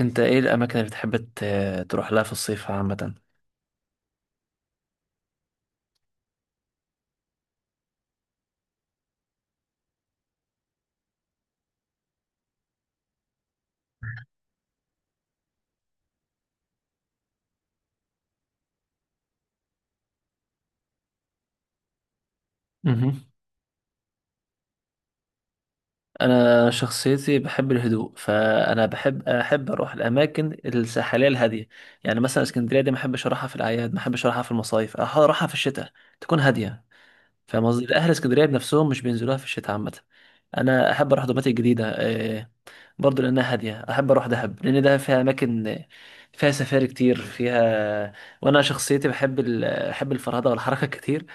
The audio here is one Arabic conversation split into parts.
انت ايه الاماكن اللي بتحب تروح لها في الصيف عامه؟ مهم. انا شخصيتي بحب الهدوء، فانا بحب اروح الاماكن الساحليه الهاديه. يعني مثلا اسكندريه دي ما احبش اروحها في الاعياد، ما احبش اروحها في المصايف، اروحها في الشتاء تكون هاديه. فاهم قصدي؟ اهل اسكندريه بنفسهم مش بينزلوها في الشتاء عامه. انا احب اروح دوماتيك الجديده، برضو لانها هاديه. احب اروح دهب لان دهب فيها اماكن، فيها سفاري كتير فيها. وانا شخصيتي بحب الفرهده والحركه كتير.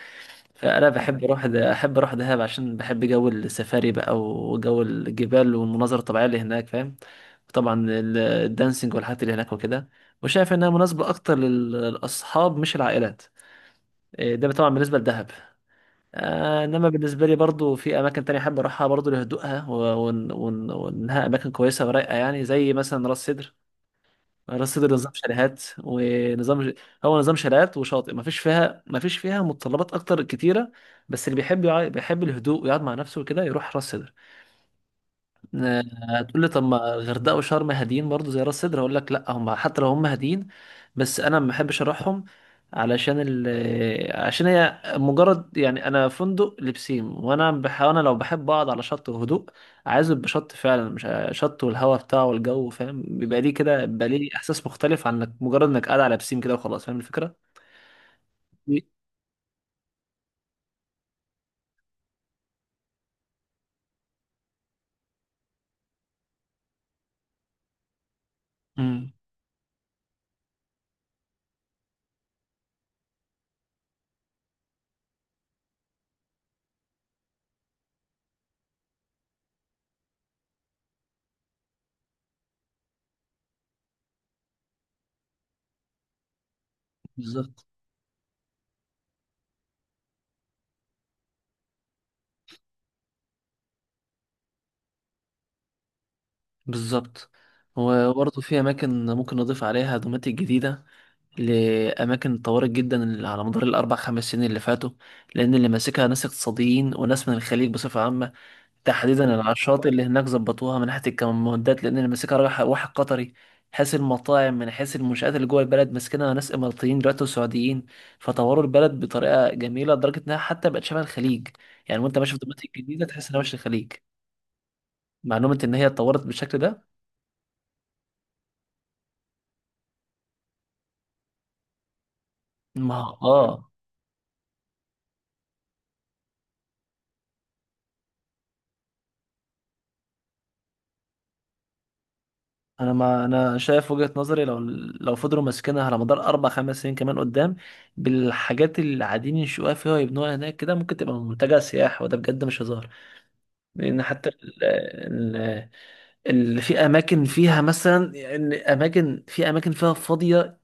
فأنا بحب أروح أحب أروح دهب عشان بحب جو السفاري بقى وجو الجبال والمناظر الطبيعية اللي هناك. فاهم؟ طبعا الدانسينج والحاجات اللي هناك وكده، وشايف إنها مناسبة أكتر للأصحاب مش العائلات. إيه، ده طبعا بالنسبة لدهب. آه، إنما بالنسبة لي برضو في أماكن تانية أحب أروحها برضو لهدوءها وإنها أماكن كويسة ورايقة، يعني زي مثلا راس سدر. راس سدر نظام شاليهات ونظام، هو نظام شاليهات وشاطئ. ما فيش فيها متطلبات اكتر كتيره. بس اللي بيحب الهدوء ويقعد مع نفسه وكده يروح راس سدر. آه، هتقول لي طب ما الغردقه وشرم هاديين برضو زي راس سدر؟ هقول لك لا، هم حتى لو هم هاديين بس انا ما بحبش اروحهم، علشان ال، عشان هي مجرد يعني انا فندق لبسين، انا لو بحب اقعد على شط وهدوء عايز يبقى شط فعلا، مش شط والهواء بتاعه والجو. فاهم؟ بيبقى ليه كده، بيبقى ليه احساس مختلف عن انك مجرد انك قاعد على بسين كده وخلاص. فاهم الفكره؟ امم بالظبط. بالظبط، وبرضه في اماكن ممكن نضيف عليها دوماتيك جديده، لأماكن اتطورت جدا اللي على مدار الأربع خمس سنين اللي فاتوا. لأن اللي ماسكها ناس اقتصاديين وناس من الخليج بصفة عامة، تحديدا على الشاطئ اللي هناك، ظبطوها من ناحية الكمامودات. لأن اللي ماسكها واحد قطري، حيث المطاعم، من حيث المنشآت اللي جوه البلد ماسكينها ناس إماراتيين دلوقتي وسعوديين. فطوروا البلد بطريقة جميلة لدرجة إنها حتى بقت شبه الخليج. يعني وأنت ماشي في دمياط الجديدة تحس إنها مش الخليج. معلومة إن هي اتطورت بالشكل ده. ما آه انا ما انا شايف وجهة نظري، لو لو فضلوا ماسكينها على مدار اربع خمس سنين كمان قدام بالحاجات اللي قاعدين ينشئوها فيها ويبنوها هناك كده، ممكن تبقى منتجع سياحي، وده بجد مش هزار. لان حتى اللي في اماكن فيها مثلا، يعني اماكن، في اماكن فيها فاضيه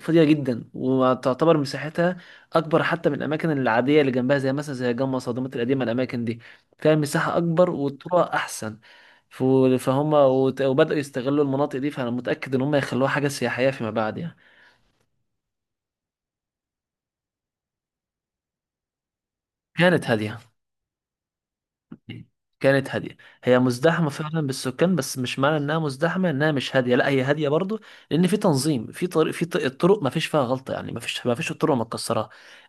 فاضيه جدا وتعتبر مساحتها اكبر حتى من الاماكن العاديه اللي جنبها، زي مثلا زي جمصة صدمات القديمه. الاماكن دي فيها مساحه اكبر والطرق احسن. ف- وبداوا يستغلوا المناطق دي، فانا متاكد ان هم يخلوها حاجه سياحيه فيما بعد يعني. كانت هاديه، كانت هادية. هي مزدحمة فعلا بالسكان، بس مش معنى انها مزدحمة انها مش هادية، لا هي هادية برضو. لان في تنظيم، في طريق، في الطرق ما فيش فيها غلطة يعني. ما فيش الطرق متكسرة.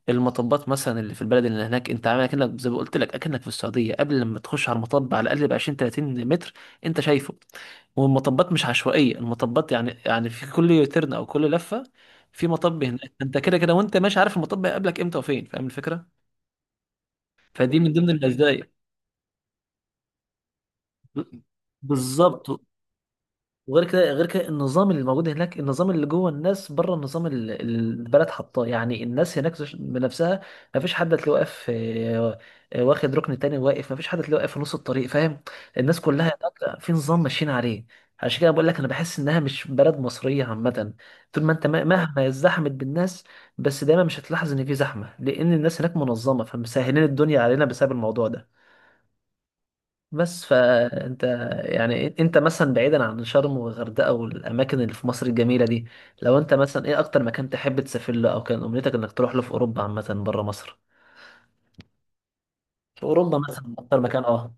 المطبات مثلا اللي في البلد اللي هناك، انت عامل اكنك زي ما قلت لك اكنك في السعودية. قبل لما تخش على المطب على الاقل ب 20 30 متر انت شايفه. والمطبات مش عشوائية، المطبات يعني في كل ترن او كل لفة في مطب هناك. انت كده كده وانت ماشي عارف المطب هيقابلك امتى وفين. فاهم الفكرة؟ فدي من ضمن المزايا. بالظبط. وغير كده غير كده النظام اللي موجود هناك، النظام اللي جوه الناس، بره النظام اللي البلد حطاه. يعني الناس هناك بنفسها ما فيش حد هتلاقيه واقف، واخد ركن تاني واقف، ما فيش حد هتلاقيه واقف في نص الطريق. فاهم؟ الناس كلها هناك في نظام ماشيين عليه. عشان كده بقول لك انا بحس انها مش بلد مصريه عامه. طول ما انت مهما ازدحمت بالناس بس دايما مش هتلاحظ ان في زحمه، لان الناس هناك منظمه فمسهلين الدنيا علينا بسبب الموضوع ده. بس فانت، يعني انت مثلا بعيدا عن شرم والغردقه والاماكن اللي في مصر الجميله دي، لو انت مثلا ايه اكتر مكان تحب تسافر له او كان امنيتك انك تروح له في اوروبا عامه بره مصر؟ في اوروبا مثلا اكتر مكان، اه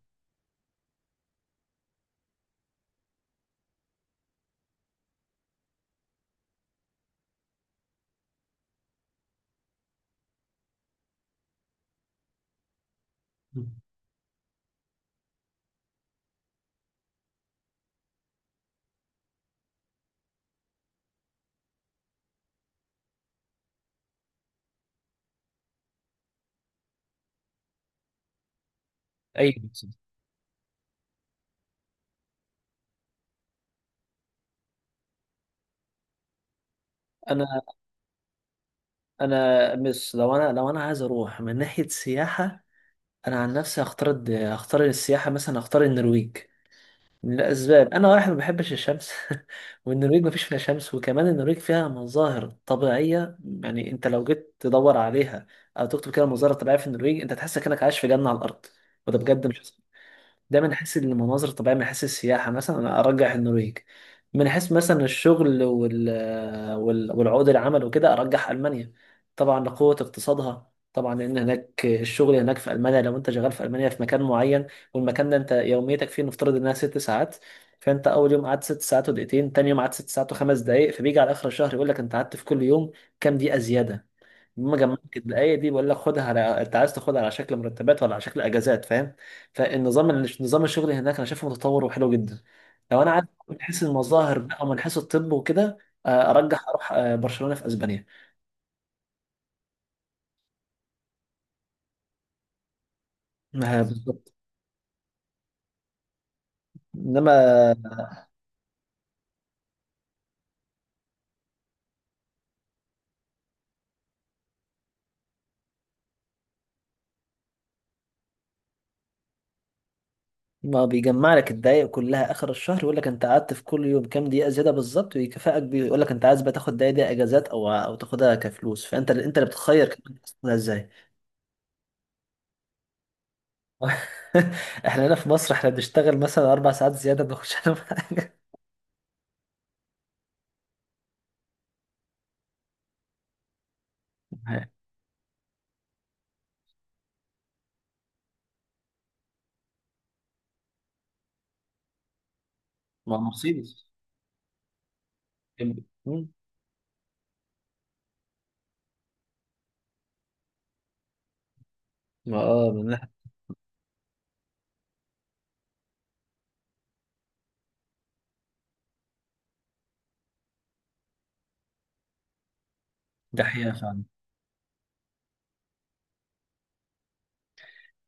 ايوه. انا انا مش لو انا لو انا عايز اروح من ناحيه سياحه، انا عن نفسي هختار السياحه مثلا، هختار النرويج. لأسباب، أنا واحد ما بحبش الشمس والنرويج ما فيش فيها شمس، وكمان النرويج فيها مظاهر طبيعية. يعني أنت لو جيت تدور عليها أو تكتب كده مظاهر طبيعية في النرويج، أنت تحس كأنك عايش في جنة على الأرض. وده بجد مش، ده من حيث المناظر الطبيعية، من حيث السياحة مثلا أنا أرجح النرويج. من حيث مثلا الشغل والعقود العمل وكده أرجح ألمانيا، طبعا لقوة اقتصادها. طبعا لأن هناك الشغل، هناك في ألمانيا لو أنت شغال في ألمانيا في مكان معين، والمكان ده أنت يوميتك فيه نفترض إنها ست ساعات، فأنت أول يوم قعدت ست ساعات ودقيقتين، تاني يوم قعدت ست ساعات وخمس دقايق، فبيجي على آخر الشهر يقول لك أنت قعدت في كل يوم كام دقيقة زيادة. بما جمعت الدقايق دي بقول لك خدها، على أنت عايز تاخدها على شكل مرتبات ولا على شكل أجازات. فاهم؟ فالنظام، نظام الشغل هناك انا شايفه متطور وحلو جدا. لو انا عايز من حيث المظاهر بقى ومن حيث الطب وكده، ارجح اروح برشلونه في اسبانيا. آه، بالظبط. انما، ما بيجمع لك الدقايق كلها اخر الشهر يقول لك انت قعدت في كل يوم كام دقيقه زياده بالظبط ويكافئك بيه، يقول لك انت عايز بقى تاخد الدقايق دي اجازات او او تاخدها كفلوس. انت اللي بتخير كمان تاخدها ازاي. احنا هنا في مصر احنا بنشتغل مثلا اربع ساعات زياده ما بناخدش عنهم حاجه. مع مرسيدس. مم. ما اه، ده حقيقة فعلا.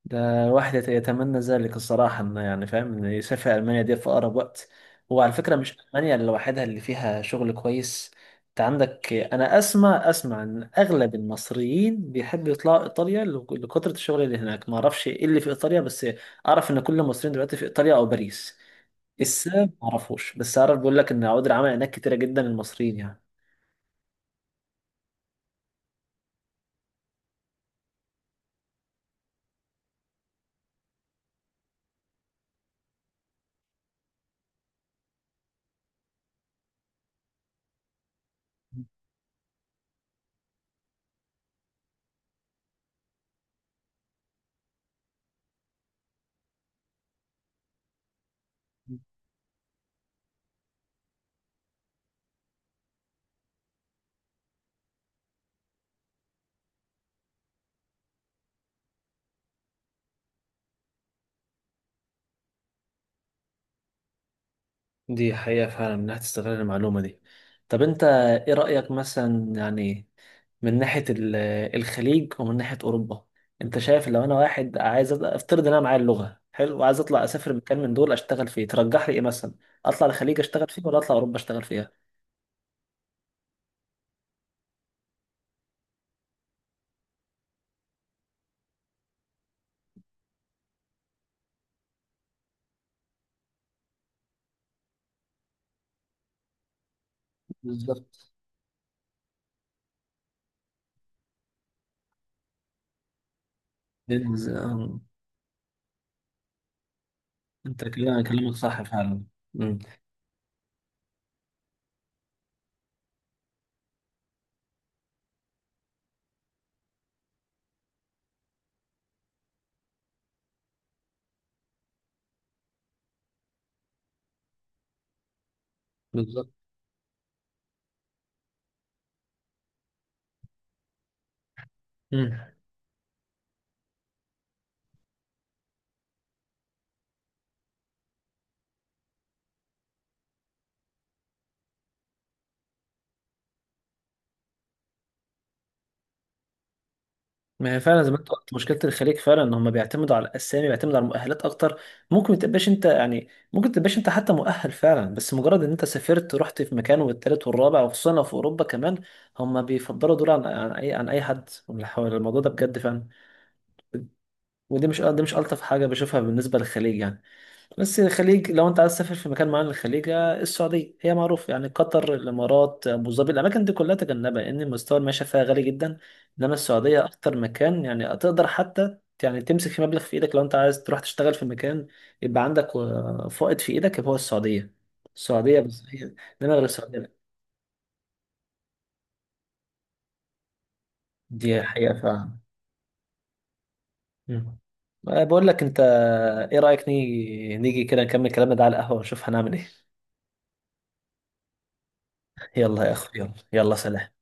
ده الواحد يتمنى ذلك الصراحة، إنه يعني فاهم إنه يسافر ألمانيا دي في أقرب وقت. وعلى فكرة مش ألمانيا لوحدها اللي فيها شغل كويس. أنت عندك، أنا أسمع إن أغلب المصريين بيحبوا يطلعوا إيطاليا لكثرة الشغل اللي هناك. ما أعرفش إيه اللي في إيطاليا، بس أعرف إن كل المصريين دلوقتي في إيطاليا أو باريس. السبب ما أعرفوش، بس أعرف بيقول لك إن عقود العمل هناك كتيرة جدا للمصريين يعني. دي حقيقة فعلا إنها تستغل المعلومة دي. طب أنت إيه رأيك مثلا يعني، من ناحية الخليج ومن ناحية أوروبا، أنت شايف لو أنا واحد عايز أبدأ، أفترض إن أنا معايا اللغة حلو وعايز أطلع أسافر مكان من دول أشتغل فيه، ترجح لي إيه مثلا؟ أطلع الخليج أشتغل فيه ولا أطلع أوروبا أشتغل فيها؟ بالظبط. إنز- آم، أنت كده، كلامك صح فعلا. مم. بالظبط. ما هي فعلا زي ما انت قلت، مشكله الخليج فعلا ان هم بيعتمدوا على الاسامي، بيعتمدوا على المؤهلات اكتر. ممكن ما تبقاش انت يعني، ممكن ما تبقاش انت حتى مؤهل فعلا، بس مجرد ان انت سافرت رحت في مكان والتالت والرابع، وخصوصا لو في اوروبا كمان، هم بيفضلوا دول عن عن اي حد من اللي حوالي. الموضوع ده بجد فعلا. ودي مش الطف حاجه بشوفها بالنسبه للخليج يعني. بس الخليج، لو انت عايز تسافر في مكان معين الخليج، آه، السعوديه هي معروف يعني. قطر، الامارات، ابو ظبي، الاماكن دي كلها تجنبها لان المستوى المعيشه فيها غالي جدا. انما السعوديه اكتر مكان يعني تقدر حتى يعني تمسك في مبلغ في ايدك، لو انت عايز تروح تشتغل في مكان يبقى عندك فائض في ايدك، يبقى هو السعوديه. السعوديه بس هي، انما غير السعوديه لا. دي حقيقه فعلا. مم. بقول لك انت، ايه رايك نيجي كده نكمل كلامنا ده على القهوه ونشوف هنعمل ايه؟ يلا يا اخو، يلا يلا سلام.